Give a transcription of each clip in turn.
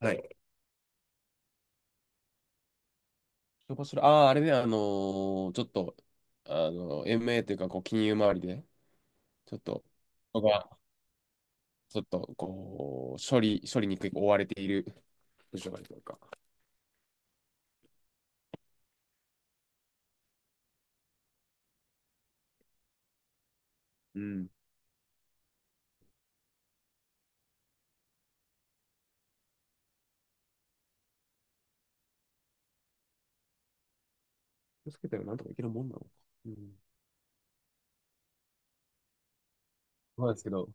はい。どこしら、ああー、あれね、あのーちょっと、あの、MA というか、こう、金融周りで、ちょっと、人が、ちょっと、こう、処理に追われている部署があるというか。うん。気をつけたらなんとかいけるもんなのか。うん。そうですけど。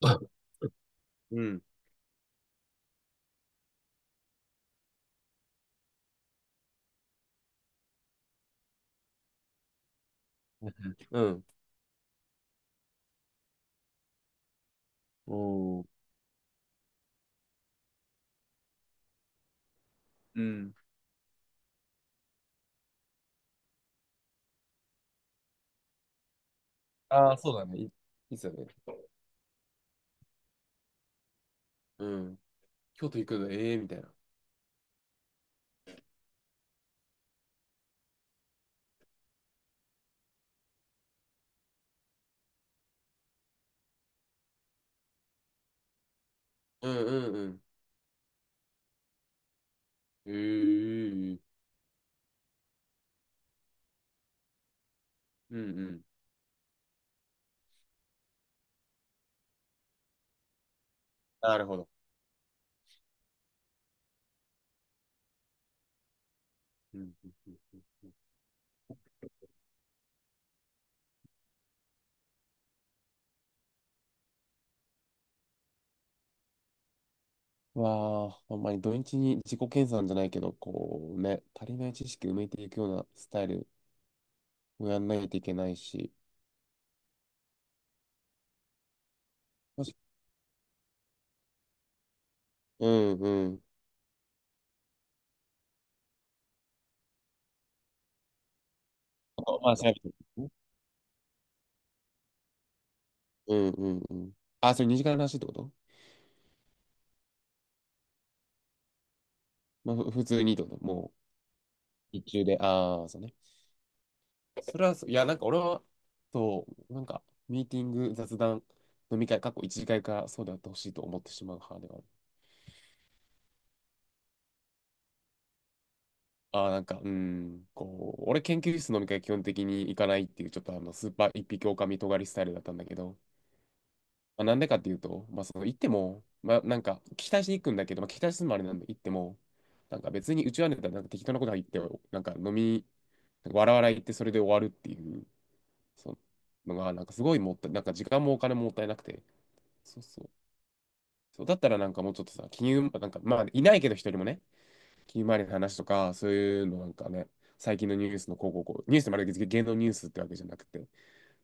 うん。うん。おー。うん。ああ、そうだね。いっすよね。うん。京都行くの、ええーみたいな。うんうんうん。ええー。うんうん。なるほど。うんうんうんうん。わあ、ほんまに土日に自己研鑽じゃないけど、こうね、足りない知識埋めていくようなスタイルをやんないといけないし、もしうんうん。まあ、調べてみて、うんうんうん。あ、それ2時間の話ってこと？まあ、普通にってこと？もう、日中で、ああ、そうね。それはそう、いや、なんか俺は、そう、なんか、ミーティング、雑談、飲み会、過去一次会かんからそうであってほしいと思ってしまう派では。ああ、なんか、うん、こう、俺研究室飲み会基本的に行かないっていう、ちょっとあの、スーパー一匹狼尖りスタイルだったんだけど、まあ、なんでかっていうと、行っても、聞き出しに行くんだけど、まあ、聞き出しするのもあれなんで、行っても、なんか別にうちはネタなんか適当なこと言って、なんか飲み、なんか笑わないってそれで終わるっていう、そが、なんかすごいもったい、なんか時間もお金ももったいなくて、そうそう。そうだったらなんかもうちょっとさ、金融、なんか、まあ、いないけど一人もね、ひまわりの話とか、そういうのなんかね、最近のニュースのこうこうこう、ニュースってまるで芸能ニュースってわけじゃなくて、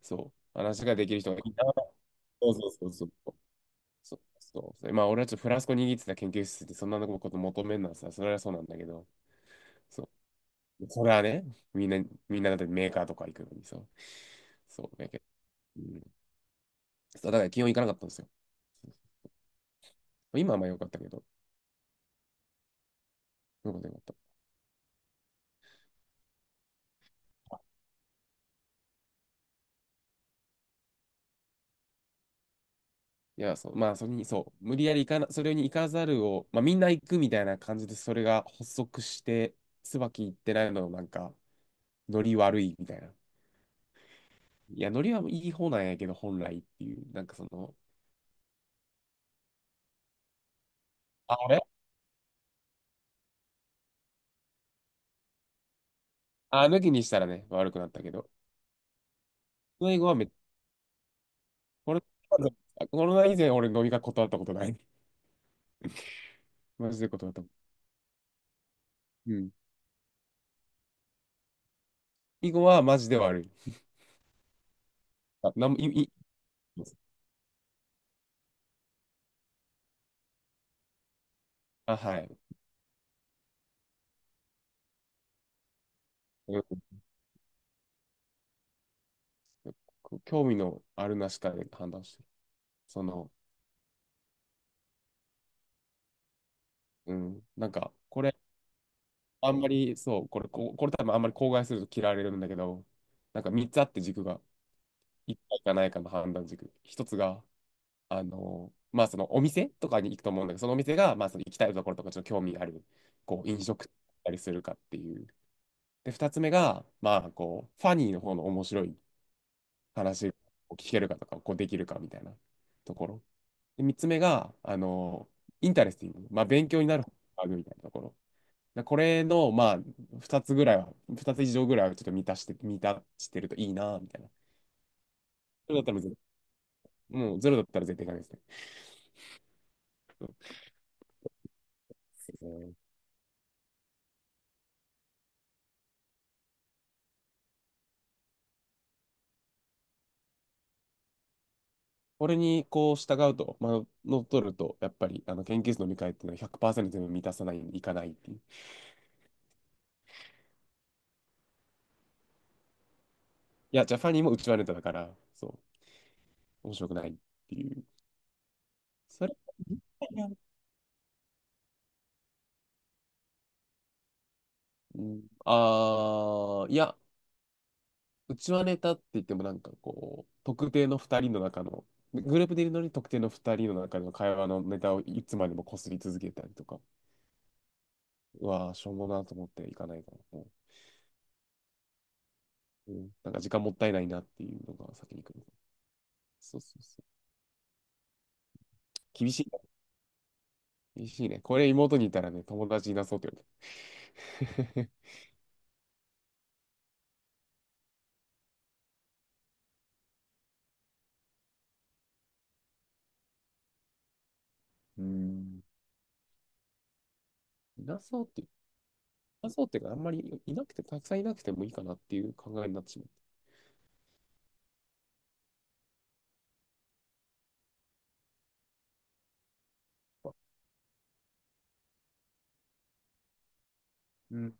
そう、話ができる人がいいな。そうそうそうそう。そうそうそう。まあ、俺はちょっとフラスコ握ってた研究室でそんなこと求めるのはさ、それはそうなんだけど、そう。それはね、みんな、みんなだってメーカーとか行くのにさ、そう、だけど、うん、そうだから基本行かなかったんですよ。今はまあ良かったけど、よかった良かった。いや、そう、まあ、それに、そう、無理やり行かな、それに行かざるを、まあ、みんな行くみたいな感じで、それが発足して、椿行ってないの、なんか、ノリ悪いみたいな。いや、ノリはいい方なんやけど、本来っていう、なんかその、あれあ、抜きにしたらね、悪くなったけど、コロナ以後はめっ、コロナ、コロナ以前、俺、飲み会断ったことない。マジで断った。うん。以後は、マジで悪い。あ、なんも、い、い、あ、はい。うん。興味のあるなしかで判断してる。その、うん、なんか、これ、あんまり、これ多分あんまり口外すると嫌われるんだけど、なんか3つあって軸が、1回かないかの判断軸。1つが、まあそのお店とかに行くと思うんだけど、そのお店が、まあその行きたいところとかちょっと興味ある、こう飲食だったりするかっていう。で、2つ目が、まあこう、ファニーの方の面白い話を聞けるかとか、こうできるかみたいなところ。で、3つ目が、インタレスティング、まあ勉強になる、みたいなところ。でこれの、まあ、2つ以上ぐらいはちょっと満たしてるといいな、みたいな。それだったらゼロ、もうゼロだったら絶対ダメですね。うん。これにこう従うと、まあ、乗っ取ると、やっぱりあの研究室の見返っていうのは100%全部満たさない、いかないっていう。いや、ジャパニーもうちはネタだから、そう、面白くないっていう。それ、うん、ああ、いや、うちわネタって言ってもなんかこう、特定の二人の中の、グループでいるのに特定の二人の中の会話のネタをいつまでも擦り続けたりとか、うわー、しょうもなと思っていかないから、うん、なんか時間もったいないなっていうのが先に来る。そうそうそう。厳しい。 厳しいね。これ妹にいたらね、友達いなそうって言われて。うーん。いなそうっていうか、あんまりいなくて、たくさんいなくてもいいかなっていう考えになってしまった。うん。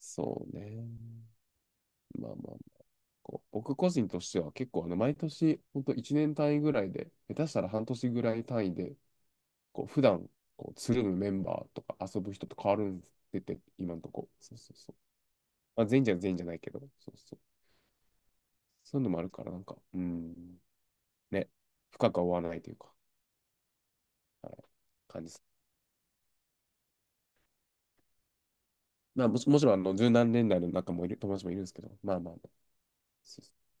そうね。まあまあまこう僕個人としては結構あの毎年、本当1年単位ぐらいで、下手したら半年ぐらい単位で、こう普段こうつるむメンバーとか遊ぶ人と変わるんで今のとこ。そうそうそう。まあ、全員じゃないけど、そうそう。そういうのもあるから、なんか、うーん、ね、深くは追わないというか、はい、感じです。まあ、もちろん、あの、十何年代の仲もいる、友達もいるんですけど、まあまあまあ、そうそう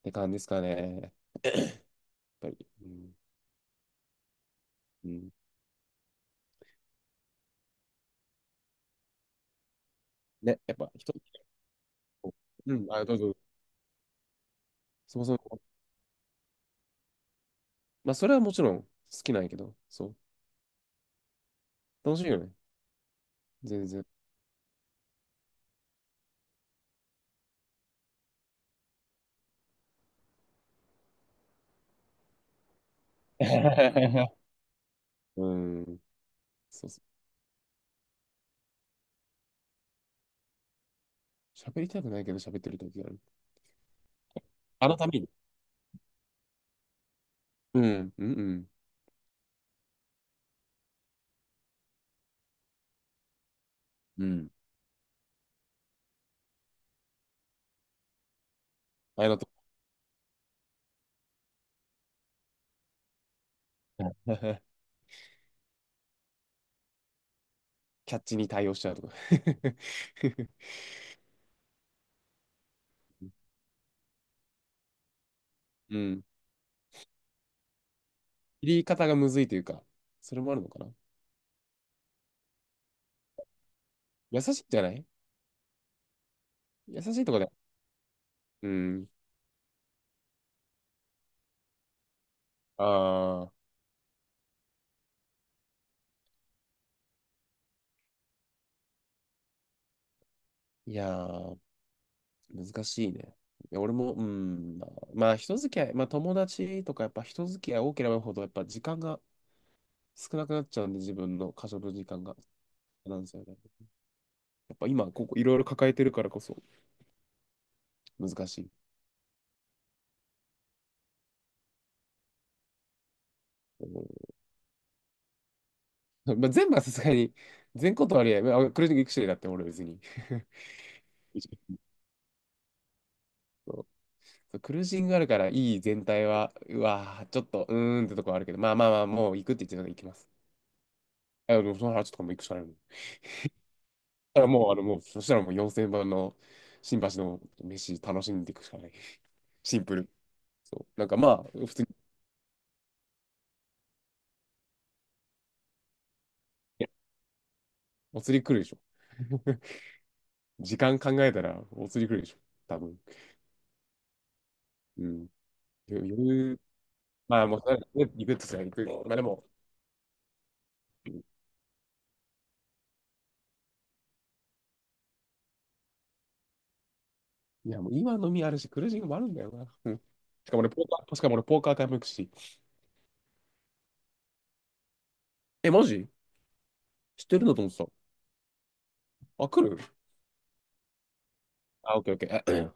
って感じですかね、やっぱり。うん、うん、ね、やっぱ人、うん、あ、どうぞ。そもそもまあ、それはもちろん好きなんやけど、そう。楽しいよね。全然。うん。そうそう。喋りたくないけど喋ってる時がある。あのために。うん。うんうん。うん。あれだと、キャッチに対応しちゃうとか。うん。切り方がむずいというか、それもあるのかな。優しいんじゃない？優しいとかで。うん。ああ。いやー、難しいね。いや俺も、うん。まあ、まあ人付き合い、まあ、友達とか、やっぱ人付き合い多ければ多いほど、やっぱ時間が少なくなっちゃうんで、自分の可処分時間が。なんですよね。やっぱ今、ここいろいろ抱えてるからこそ難しい。うん。まあ、全部はさすがに、全ことありは、まあクルージング行くしだって俺別に。そうクルージングあるからいい全体は、うわぁ、ちょっと、うーんってとこはあるけど、まあまあまあ、もう行くって言ってたから行きます。あでもその話とかも行くしかないもん。だからもう、あの、もう、そしたらもう4000番の新橋の飯楽しんでいくしかない。シンプル。そう。なんかまあ、普通に、お釣り来るでしょ。時間考えたら、お釣り来るでしょ。多分。うん。余裕、まあ、もう、ね行くとしたら行く。まあでも、いや、もう今飲みあるし、クルージングもあるんだよな。うん。しかも俺、ポーカータイも行くし。え、マジ？知ってるんだと思ってた。あ、来るあ、オッケーオッケー。